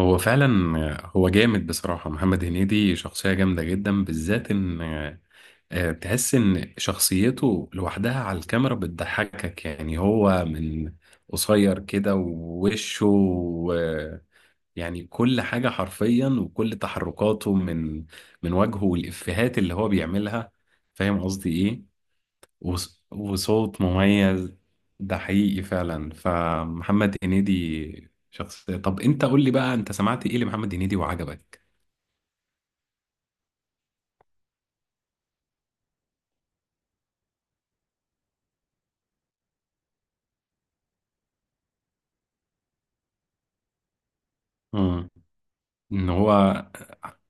هو فعلا. هو جامد بصراحة، محمد هنيدي شخصية جامدة جدا، بالذات ان تحس ان شخصيته لوحدها على الكاميرا بتضحكك. يعني هو من قصير كده ووشه يعني كل حاجة حرفيا، وكل تحركاته من وجهه والإفيهات اللي هو بيعملها. فاهم قصدي ايه؟ وصوت مميز. ده حقيقي فعلا، فمحمد هنيدي شخصية. طب انت قول لي بقى، انت سمعت ايه لمحمد هنيدي وعجبك؟ مم. ان هو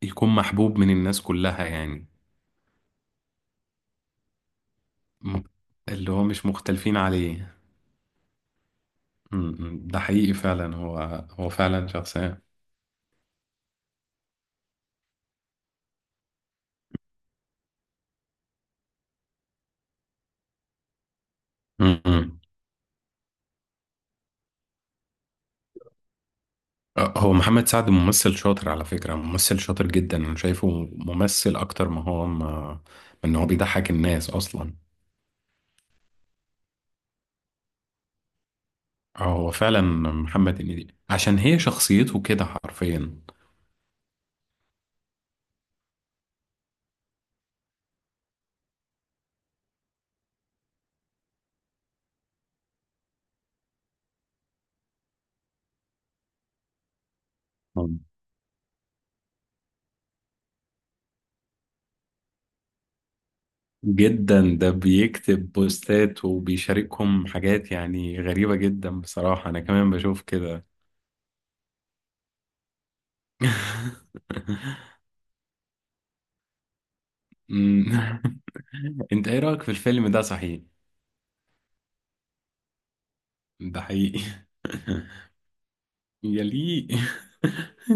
يكون محبوب من الناس كلها يعني. م- اللي هو مش مختلفين عليه. مم. ده حقيقي فعلا. هو فعلا شخصية. مم. هو محمد سعد ممثل شاطر على فكرة، ممثل شاطر جدا. انا شايفه ممثل اكتر ما هو ما ان هو بيضحك الناس اصلا. اه هو فعلا، محمد هنيدي عشان هي شخصيته كده حرفيا. جدا، ده بيكتب بوستات وبيشاركهم حاجات يعني غريبة جدا بصراحة، أنا كمان بشوف كده. أمم. أنت إيه رأيك في الفيلم ده صحيح؟ ده حقيقي. يليق.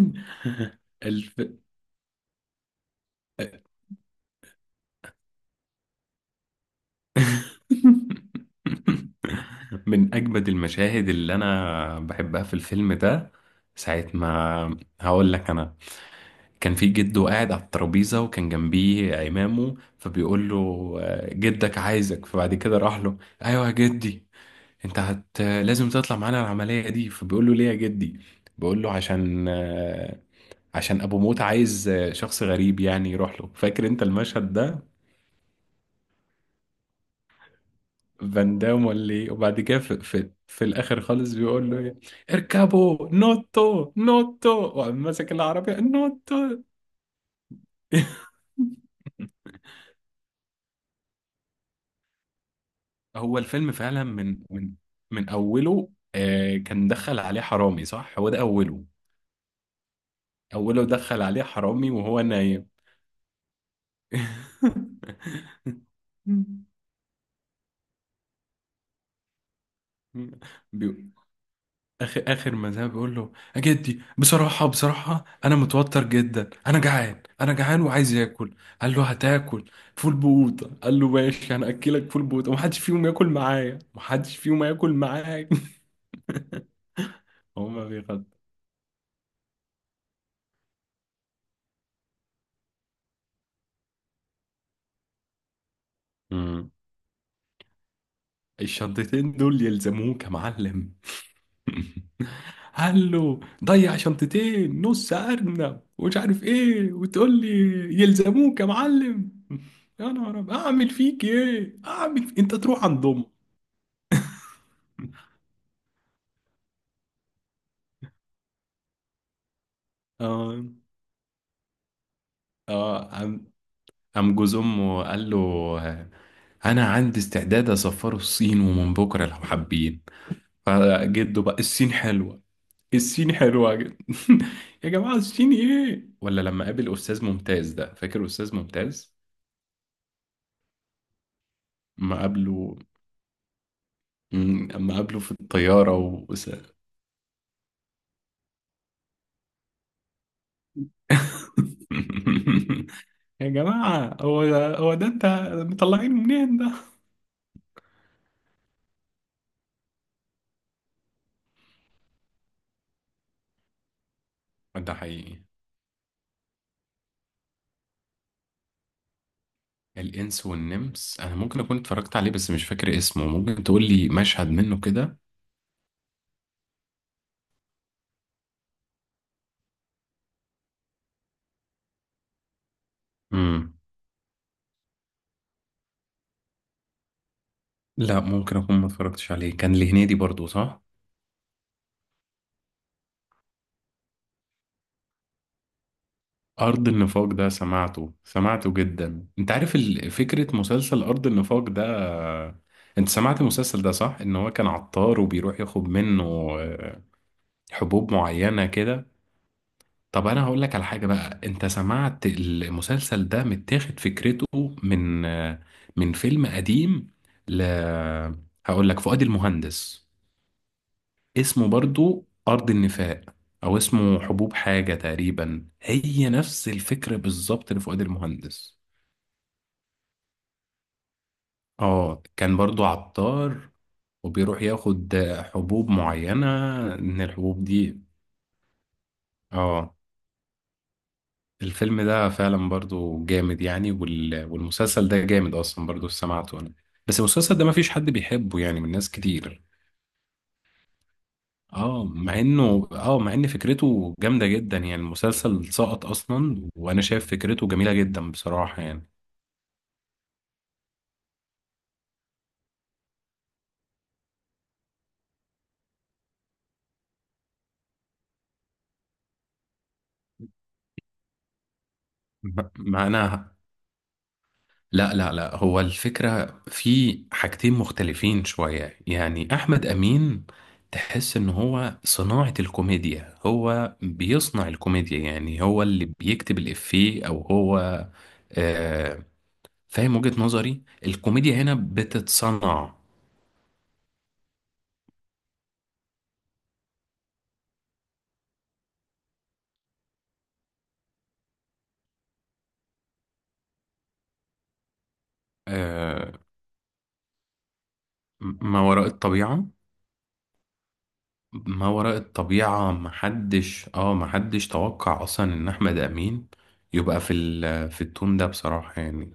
الف... من أجمد المشاهد اللي أنا بحبها في الفيلم ده، ساعة ما هقول لك أنا. كان في جده قاعد على الترابيزة وكان جنبيه عمامه، فبيقول له جدك عايزك. فبعد كده راح له، ايوه يا جدي. انت هت لازم تطلع معانا العملية دي. فبيقول له ليه يا جدي؟ بيقول له عشان عشان ابو موت عايز شخص غريب يعني يروح له. فاكر انت المشهد ده؟ فان دام ولا ايه؟ وبعد كده في الاخر خالص بيقول له إيه؟ اركبوا نوتو نوتو، وقام ماسك العربية نوتو. هو الفيلم فعلا من اوله. آه، كان دخل عليه حرامي صح؟ هو ده اوله، اوله دخل عليه حرامي وهو نايم. بي... اخر اخر ما ذهب بيقول له يا جدي، بصراحه بصراحه انا متوتر جدا، انا جعان انا جعان وعايز اكل. قال له هتاكل فول بوطه. قال له ماشي، انا اكلك فول بوطه، ومحدش فيهم ياكل معايا، محدش فيهم ياكل معايا. هما بيغلط. الشنطتين دول يلزموه كمعلم. قال له ضيع شنطتين نص ارنب ومش عارف ايه وتقول لي يلزموك يا معلم؟ يا نهار أبيض، اعمل فيك ايه؟ انت تروح عند امك. اه اه. قام جوز امه قال له آه، انا عندي استعداد اسفره الصين ومن بكره لو حابين. فجده بقى، الصين حلوه، الصيني حلوة جدا. يا جماعة الصيني ايه؟ ولا لما قابل أستاذ ممتاز؟ ده فاكر أستاذ ممتاز؟ ما قابله، اما قابله في الطيارة يا جماعة، هو ده هو ده انت مطلعين منين ده؟ ده حقيقي. الإنس والنمس أنا ممكن أكون اتفرجت عليه بس مش فاكر اسمه. ممكن تقول لي مشهد منه كده؟ مم. لا، ممكن أكون ما اتفرجتش عليه. كان لهنيدي برضو صح؟ أرض النفاق ده سمعته سمعته جدا. أنت عارف فكرة مسلسل أرض النفاق ده؟ أنت سمعت المسلسل ده صح؟ إن هو كان عطار وبيروح ياخد منه آه، حبوب معينة كده. طب أنا هقول لك على حاجة بقى، أنت سمعت المسلسل ده متاخد فكرته من من فيلم قديم ل هقول لك، فؤاد المهندس، اسمه برضو أرض النفاق، أو اسمه حبوب حاجة تقريبا، هي نفس الفكرة بالظبط لفؤاد المهندس. اه، كان برضو عطار وبيروح ياخد حبوب معينة، من الحبوب دي. اه الفيلم ده فعلا برضو جامد يعني، والمسلسل ده جامد اصلا برضو سمعته انا. بس المسلسل ده ما فيش حد بيحبه يعني من ناس كتير. اه مع انه، اه مع ان فكرته جامدة جدا يعني، المسلسل سقط اصلا وانا شايف فكرته جميلة جدا بصراحة يعني. ما انا، لا لا لا، هو الفكرة في حاجتين مختلفين شوية يعني. أحمد أمين تحس إن هو صناعة الكوميديا، هو بيصنع الكوميديا، يعني هو اللي بيكتب الإفيه أو هو، آه، فاهم وجهة نظري؟ الكوميديا هنا بتتصنع. آه، ما وراء الطبيعة. ما وراء الطبيعة محدش توقع أصلا إن أحمد أمين يبقى في في التون ده بصراحة يعني.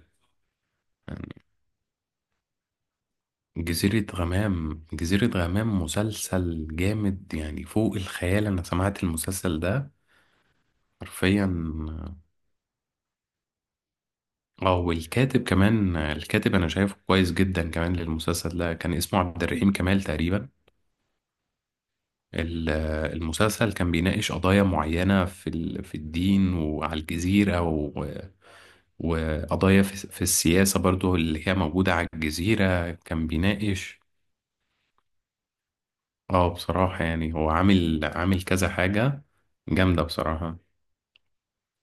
جزيرة غمام. جزيرة غمام مسلسل جامد يعني فوق الخيال. أنا سمعت المسلسل ده حرفيا. اه، والكاتب كمان، الكاتب أنا شايفه كويس جدا كمان للمسلسل ده، كان اسمه عبد الرحيم كمال تقريبا. ال- المسلسل كان بيناقش قضايا معينة في في الدين وعلى الجزيرة وقضايا في السياسة برضو، اللي هي موجودة على الجزيرة كان بيناقش. اه بصراحة يعني هو عامل عامل كذا حاجة جامدة بصراحة.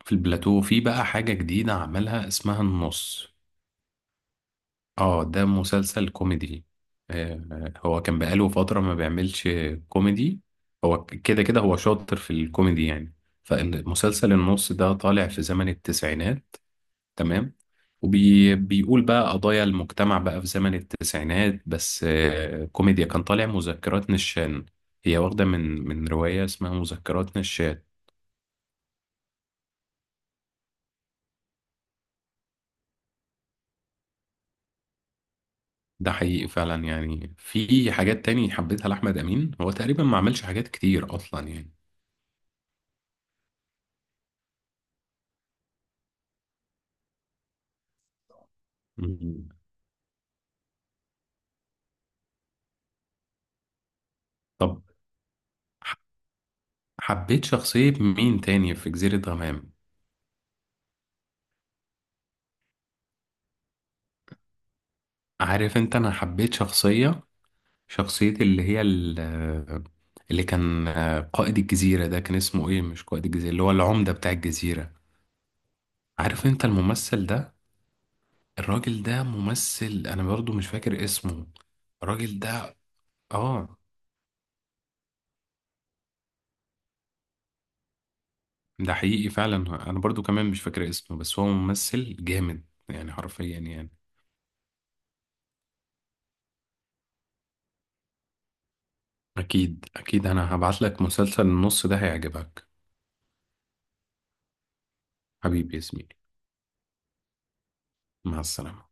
في البلاتو في بقى حاجة جديدة عملها اسمها النص. اه ده مسلسل كوميدي. هو كان بقاله فترة ما بيعملش كوميدي. هو كده كده هو شاطر في الكوميدي يعني. فالمسلسل النص ده طالع في زمن التسعينات، تمام. وبيقول بقى قضايا المجتمع بقى في زمن التسعينات، بس كوميديا. كان طالع مذكرات نشان، هي واخدة من رواية اسمها مذكرات نشان. ده حقيقي فعلا يعني، في حاجات تاني حبيتها لأحمد أمين. هو تقريبا ما عملش حاجات كتير أصلا يعني. مم. طب ح- حبيت شخصية مين تاني في جزيرة غمام؟ عارف أنت، أنا حبيت شخصية، شخصية اللي هي اللي كان قائد الجزيرة ده، كان اسمه إيه؟ مش قائد الجزيرة، اللي هو العمدة بتاع الجزيرة. عارف أنت الممثل ده؟ الراجل ده ممثل، أنا برضو مش فاكر اسمه. الراجل ده، اه، ده حقيقي فعلا. انا برضو كمان مش فاكر اسمه، بس هو ممثل جامد يعني حرفيا يعني. اكيد اكيد انا هبعت لك مسلسل النص ده، هيعجبك. حبيبي يا زميلي، مع السلامة.